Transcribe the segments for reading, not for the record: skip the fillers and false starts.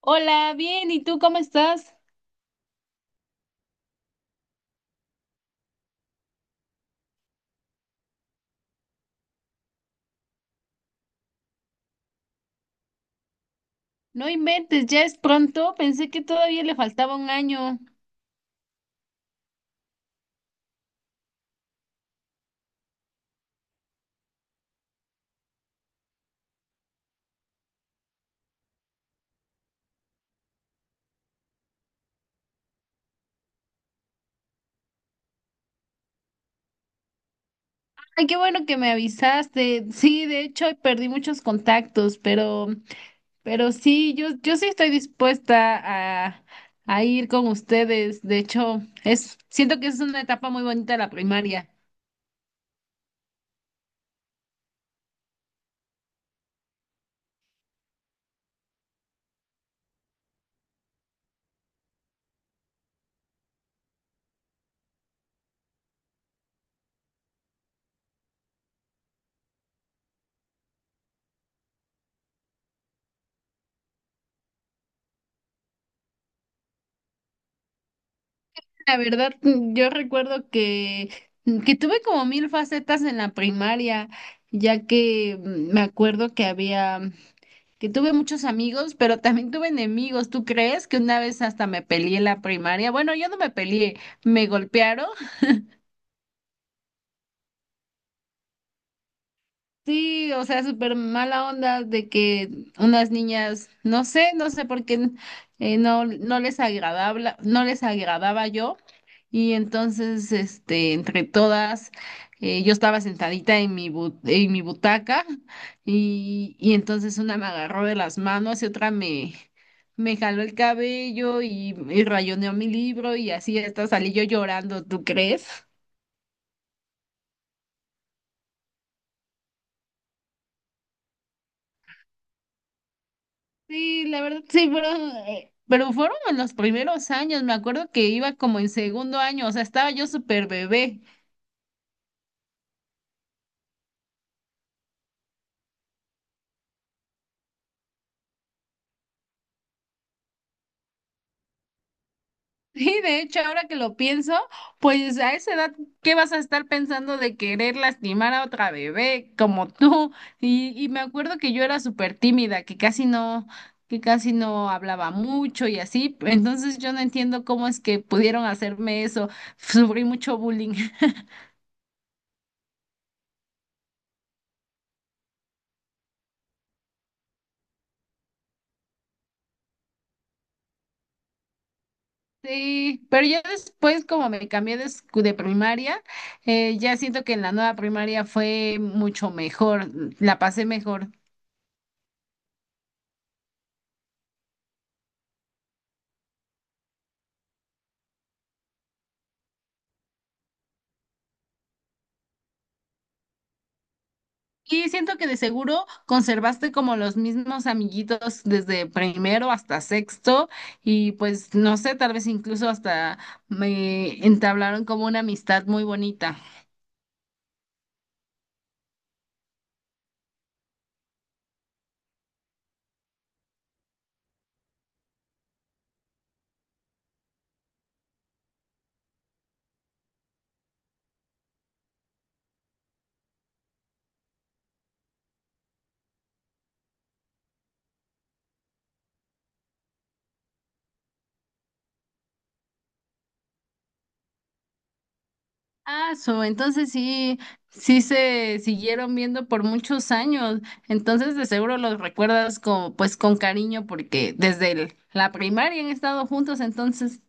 Hola, bien, ¿y tú cómo estás? No inventes, ya es pronto, pensé que todavía le faltaba un año. Ay, qué bueno que me avisaste. Sí, de hecho, hoy perdí muchos contactos, pero sí, yo sí estoy dispuesta a, a ir con ustedes. De hecho, siento que es una etapa muy bonita la primaria. La verdad, yo recuerdo que tuve como mil facetas en la primaria, ya que me acuerdo que había. Que tuve muchos amigos, pero también tuve enemigos. ¿Tú crees que una vez hasta me peleé en la primaria? Bueno, yo no me peleé, me golpearon. Sí, o sea, súper mala onda de que unas niñas, no sé por qué no les agradaba, no les agradaba yo. Y entonces, este, entre todas, yo estaba sentadita en en mi butaca, y entonces una me agarró de las manos y otra me jaló el cabello, y rayoneó mi libro y así hasta salí yo llorando, ¿tú crees? Sí, la verdad, sí, pero fueron en los primeros años, me acuerdo que iba como en segundo año, o sea, estaba yo súper bebé. Sí, de hecho, ahora que lo pienso, pues a esa edad, ¿qué vas a estar pensando de querer lastimar a otra bebé como tú? Y me acuerdo que yo era súper tímida, que casi no hablaba mucho y así, entonces yo no entiendo cómo es que pudieron hacerme eso, sufrí mucho bullying. Sí, pero ya después, como me cambié de primaria, ya siento que en la nueva primaria fue mucho mejor, la pasé mejor. Y siento que de seguro conservaste como los mismos amiguitos desde primero hasta sexto, y pues no sé, tal vez incluso hasta me entablaron como una amistad muy bonita. Ah, so, entonces sí, sí se siguieron viendo por muchos años. Entonces de seguro los recuerdas con, pues, con cariño porque desde la primaria han estado juntos, entonces.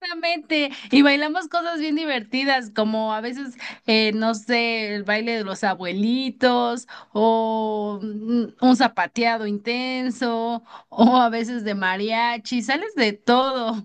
Exactamente. Y bailamos cosas bien divertidas, como a veces, no sé, el baile de los abuelitos o un zapateado intenso o a veces de mariachi, sales de todo.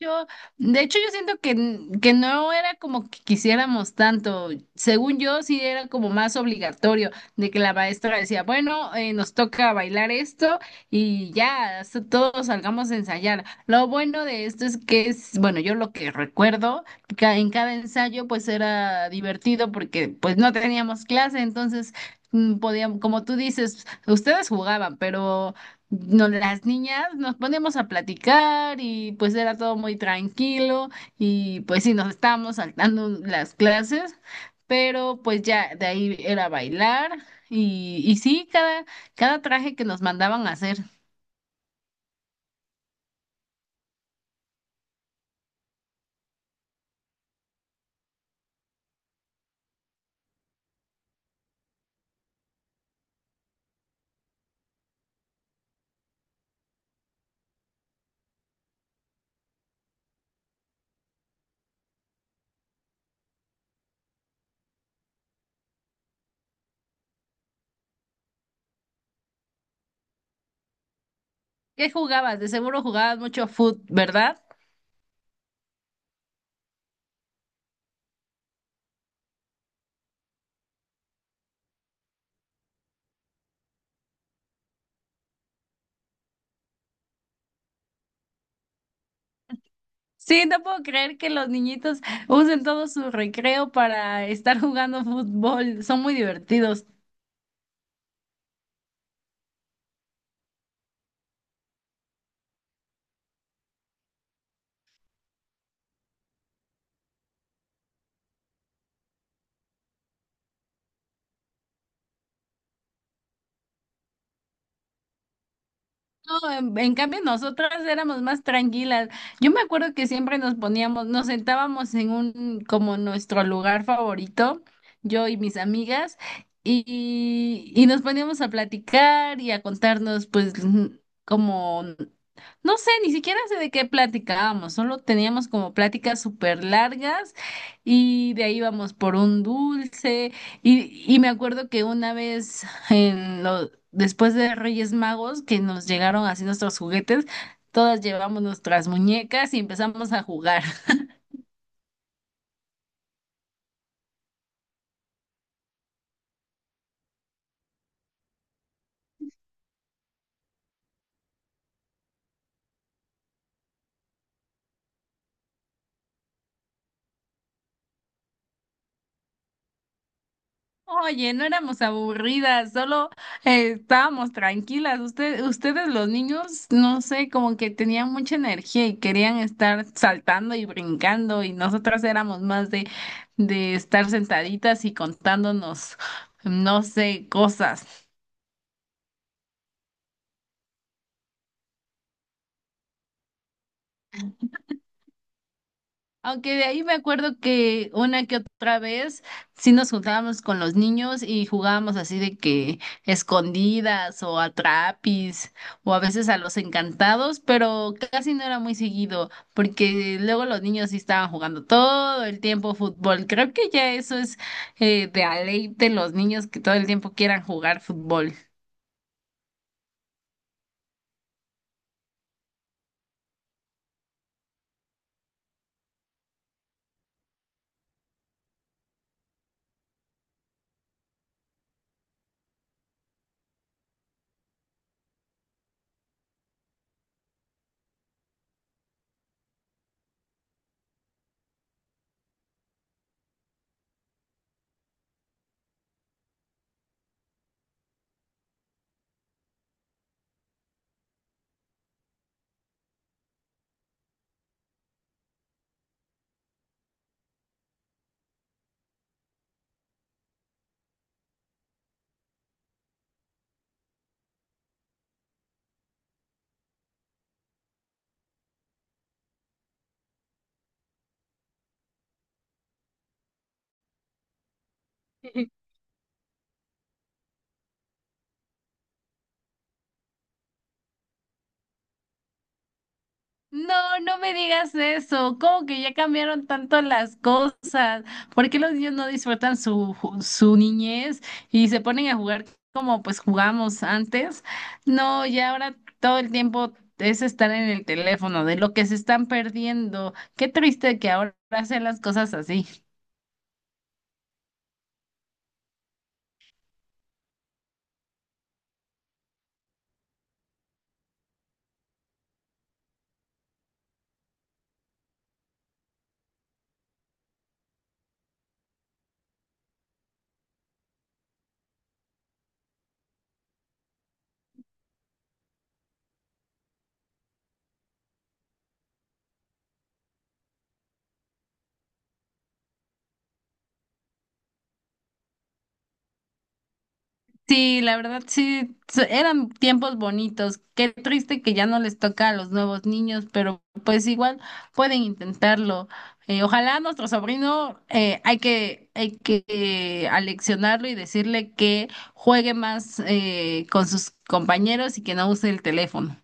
Yo, de hecho, yo siento que no era como que quisiéramos tanto. Según yo, sí era como más obligatorio de que la maestra decía, bueno, nos toca bailar esto y ya, hasta todos salgamos a ensayar. Lo bueno de esto es que bueno, yo lo que recuerdo, en cada ensayo pues era divertido porque pues no teníamos clase, entonces podíamos, como tú dices, ustedes jugaban, pero no, las niñas nos ponemos a platicar y pues era todo muy tranquilo, y pues sí, nos estábamos saltando las clases, pero pues ya de ahí era bailar, y sí, cada traje que nos mandaban a hacer. ¿Qué jugabas? De seguro jugabas mucho fútbol, ¿verdad? Sí, no puedo creer que los niñitos usen todo su recreo para estar jugando fútbol. Son muy divertidos. No, en cambio nosotras éramos más tranquilas. Yo me acuerdo que siempre nos poníamos, nos sentábamos como nuestro lugar favorito, yo y mis amigas, y nos poníamos a platicar y a contarnos, pues, como, no sé, ni siquiera sé de qué platicábamos, solo teníamos como pláticas súper largas y de ahí íbamos por un dulce. Y me acuerdo que una vez, después de Reyes Magos, que nos llegaron así nuestros juguetes, todas llevamos nuestras muñecas y empezamos a jugar. Oye, no éramos aburridas, solo estábamos tranquilas. Ustedes los niños, no sé, como que tenían mucha energía y querían estar saltando y brincando, y nosotras éramos más de estar sentaditas y contándonos, no sé, cosas. Aunque de ahí me acuerdo que una que otra vez sí nos juntábamos con los niños y jugábamos así de que escondidas o a trapis o a veces a los encantados, pero casi no era muy seguido porque luego los niños sí estaban jugando todo el tiempo fútbol. Creo que ya eso es, de a ley de los niños, que todo el tiempo quieran jugar fútbol. No, no me digas eso. ¿Cómo que ya cambiaron tanto las cosas? ¿Por qué los niños no disfrutan su niñez y se ponen a jugar como pues jugamos antes? No, ya ahora todo el tiempo es estar en el teléfono, de lo que se están perdiendo. Qué triste que ahora hacen las cosas así. Sí, la verdad sí, eran tiempos bonitos. Qué triste que ya no les toca a los nuevos niños, pero pues igual pueden intentarlo. Ojalá nuestro sobrino, hay que aleccionarlo y decirle que juegue más, con sus compañeros y que no use el teléfono.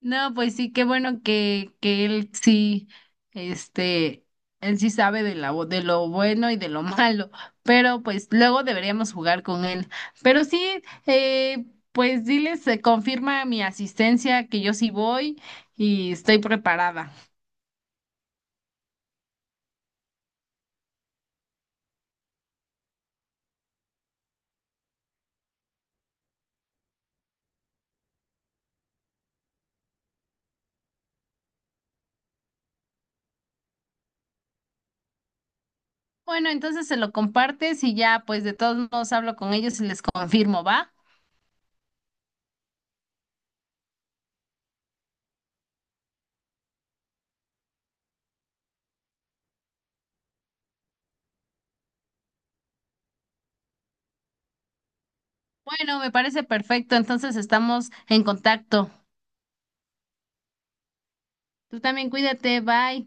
No, pues sí, qué bueno que este, él sí sabe de lo bueno y de lo malo, pero pues luego deberíamos jugar con él. Pero sí, pues diles, confirma mi asistencia, que yo sí voy y estoy preparada. Bueno, entonces se lo compartes y ya, pues de todos modos hablo con ellos y les confirmo, ¿va? Bueno, me parece perfecto, entonces estamos en contacto. Tú también cuídate, bye.